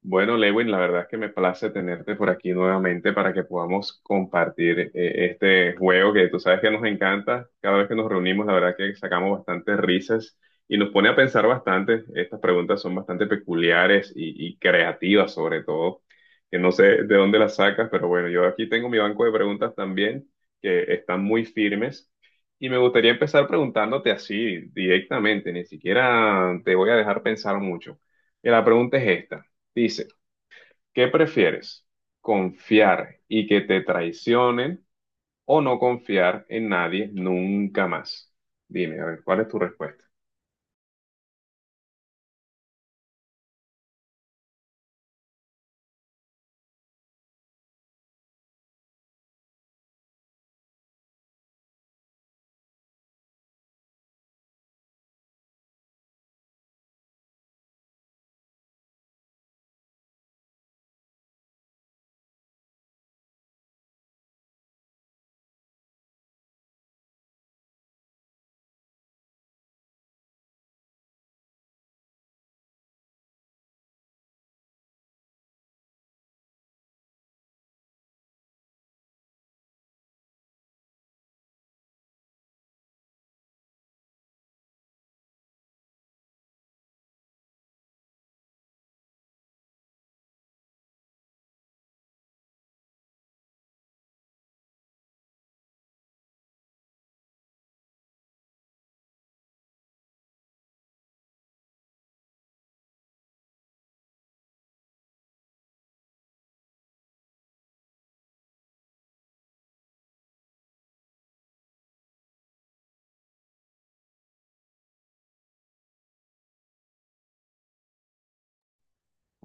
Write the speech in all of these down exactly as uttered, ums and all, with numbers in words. Bueno, Lewin, la verdad es que me place tenerte por aquí nuevamente para que podamos compartir eh, este juego que tú sabes que nos encanta. Cada vez que nos reunimos, la verdad que sacamos bastantes risas y nos pone a pensar bastante. Estas preguntas son bastante peculiares y, y creativas sobre todo, que no sé de dónde las sacas, pero bueno, yo aquí tengo mi banco de preguntas también que están muy firmes. Y me gustaría empezar preguntándote así directamente, ni siquiera te voy a dejar pensar mucho. Y la pregunta es esta. Dice, ¿qué prefieres? ¿Confiar y que te traicionen o no confiar en nadie nunca más? Dime, a ver, ¿cuál es tu respuesta?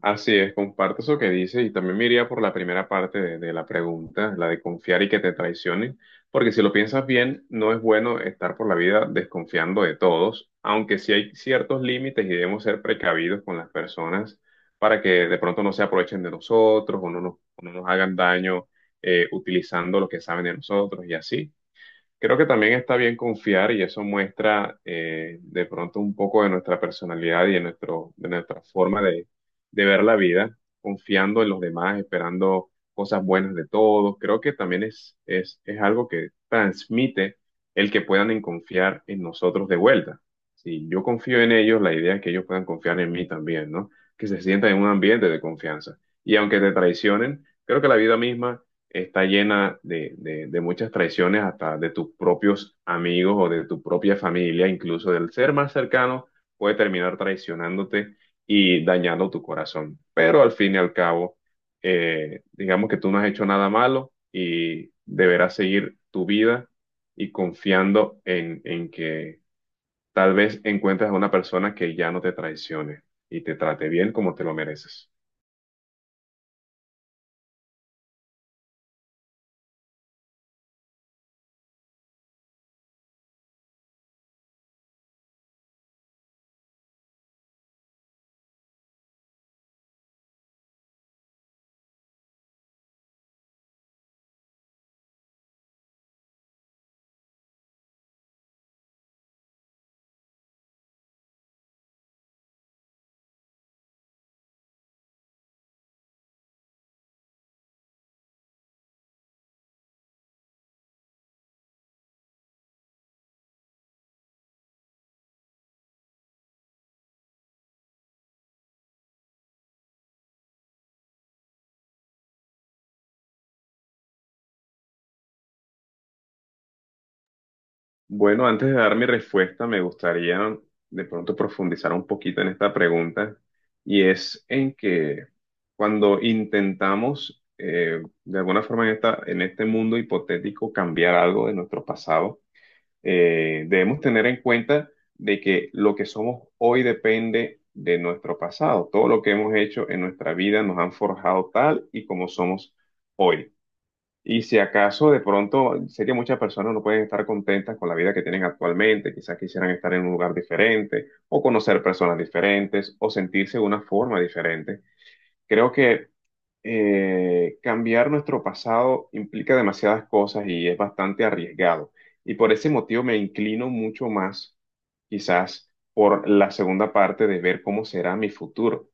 Así es, comparto eso que dice y también me iría por la primera parte de, de la pregunta, la de confiar y que te traicionen, porque si lo piensas bien, no es bueno estar por la vida desconfiando de todos, aunque sí hay ciertos límites y debemos ser precavidos con las personas para que de pronto no se aprovechen de nosotros o no nos, o no nos hagan daño eh, utilizando lo que saben de nosotros y así. Creo que también está bien confiar y eso muestra eh, de pronto un poco de nuestra personalidad y de, nuestro, de nuestra forma de, de ver la vida, confiando en los demás, esperando cosas buenas de todos. Creo que también es, es, es algo que transmite el que puedan en confiar en nosotros de vuelta. Si yo confío en ellos, la idea es que ellos puedan confiar en mí también, ¿no? Que se sientan en un ambiente de confianza. Y aunque te traicionen, creo que la vida misma está llena de, de- de muchas traiciones, hasta de tus propios amigos o de tu propia familia, incluso del ser más cercano, puede terminar traicionándote y dañando tu corazón. Pero al fin y al cabo, eh, digamos que tú no has hecho nada malo y deberás seguir tu vida y confiando en, en que tal vez encuentres a una persona que ya no te traicione y te trate bien como te lo mereces. Bueno, antes de dar mi respuesta, me gustaría de pronto profundizar un poquito en esta pregunta y es en que cuando intentamos eh, de alguna forma en esta, en este mundo hipotético cambiar algo de nuestro pasado, eh, debemos tener en cuenta de que lo que somos hoy depende de nuestro pasado. Todo lo que hemos hecho en nuestra vida nos han forjado tal y como somos hoy. Y si acaso de pronto sé que muchas personas no pueden estar contentas con la vida que tienen actualmente, quizás quisieran estar en un lugar diferente o conocer personas diferentes o sentirse de una forma diferente. Creo que eh, cambiar nuestro pasado implica demasiadas cosas y es bastante arriesgado. Y por ese motivo me inclino mucho más quizás por la segunda parte de ver cómo será mi futuro.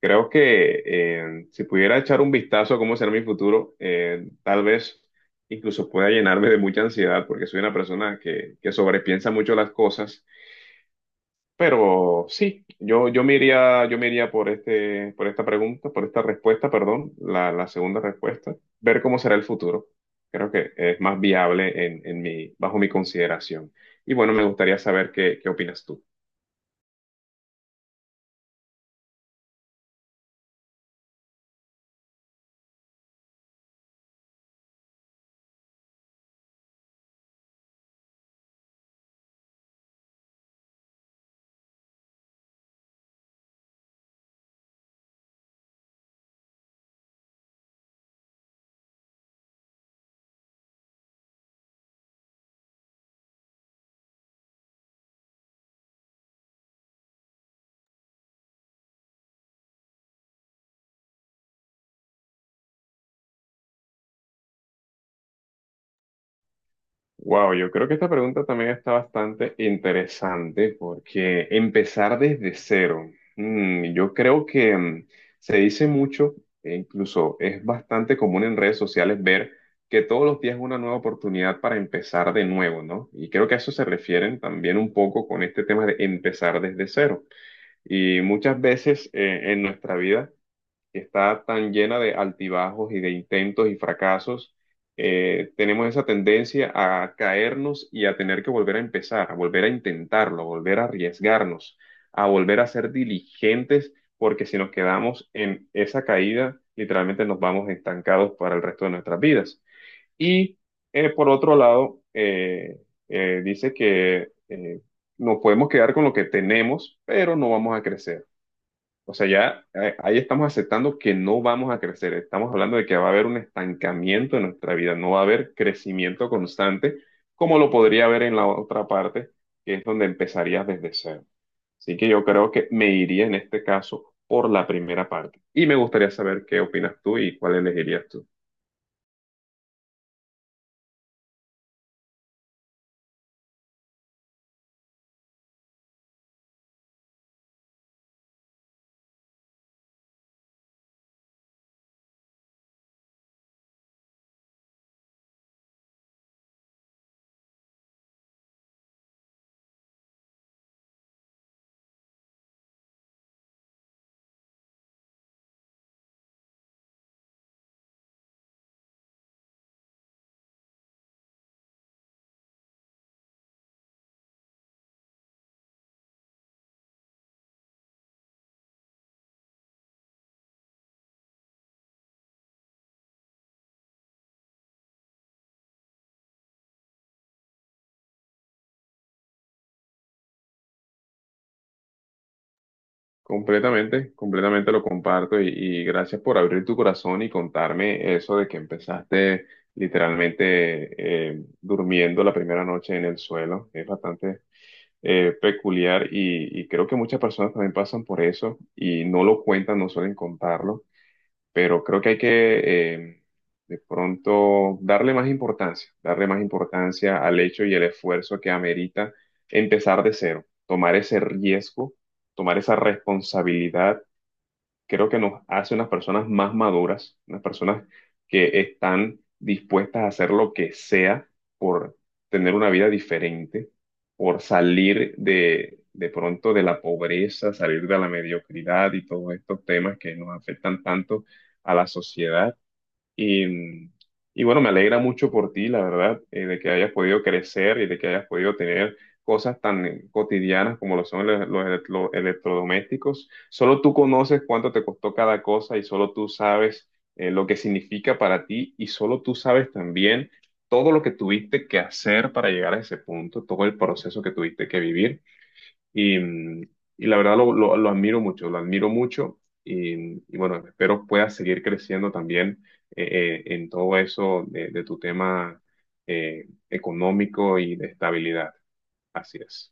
Creo que eh, si pudiera echar un vistazo a cómo será mi futuro, eh, tal vez incluso pueda llenarme de mucha ansiedad porque soy una persona que, que sobrepiensa mucho las cosas. Pero sí, yo, yo me iría, yo me iría por este, por esta pregunta, por esta respuesta, perdón, la, la segunda respuesta, ver cómo será el futuro. Creo que es más viable en, en mi, bajo mi consideración. Y bueno, me gustaría saber qué, qué opinas tú. Wow, yo creo que esta pregunta también está bastante interesante porque empezar desde cero, mm, yo creo que mm, se dice mucho e incluso es bastante común en redes sociales ver que todos los días es una nueva oportunidad para empezar de nuevo, ¿no? Y creo que a eso se refieren también un poco con este tema de empezar desde cero. Y muchas veces eh, en nuestra vida que está tan llena de altibajos y de intentos y fracasos, eh, tenemos esa tendencia a caernos y a tener que volver a empezar, a volver a intentarlo, a volver a arriesgarnos, a volver a ser diligentes, porque si nos quedamos en esa caída, literalmente nos vamos estancados para el resto de nuestras vidas. Y eh, por otro lado, eh, eh, dice que eh, nos podemos quedar con lo que tenemos, pero no vamos a crecer. O sea, ya eh, ahí estamos aceptando que no vamos a crecer. Estamos hablando de que va a haber un estancamiento en nuestra vida, no va a haber crecimiento constante como lo podría haber en la otra parte, que es donde empezarías desde cero. Así que yo creo que me iría en este caso por la primera parte. Y me gustaría saber qué opinas tú y cuál elegirías tú. Completamente, completamente lo comparto y, y gracias por abrir tu corazón y contarme eso de que empezaste literalmente eh, durmiendo la primera noche en el suelo. Es bastante eh, peculiar y, y creo que muchas personas también pasan por eso y no lo cuentan, no suelen contarlo pero creo que hay que eh, de pronto darle más importancia, darle más importancia al hecho y el esfuerzo que amerita empezar de cero, tomar ese riesgo, tomar esa responsabilidad creo que nos hace unas personas más maduras, unas personas que están dispuestas a hacer lo que sea por tener una vida diferente, por salir de, de pronto de la pobreza, salir de la mediocridad y todos estos temas que nos afectan tanto a la sociedad. Y, y bueno, me alegra mucho por ti, la verdad, eh, de que hayas podido crecer y de que hayas podido tener cosas tan eh, cotidianas como lo son los, los electro- electrodomésticos. Solo tú conoces cuánto te costó cada cosa y solo tú sabes eh, lo que significa para ti y solo tú sabes también todo lo que tuviste que hacer para llegar a ese punto, todo el proceso que tuviste que vivir. Y, mm, y la verdad lo, lo- lo admiro mucho, lo admiro mucho y, mm, y bueno, espero puedas seguir creciendo también eh, eh, en todo eso de, de tu tema eh, económico y de estabilidad. Así es.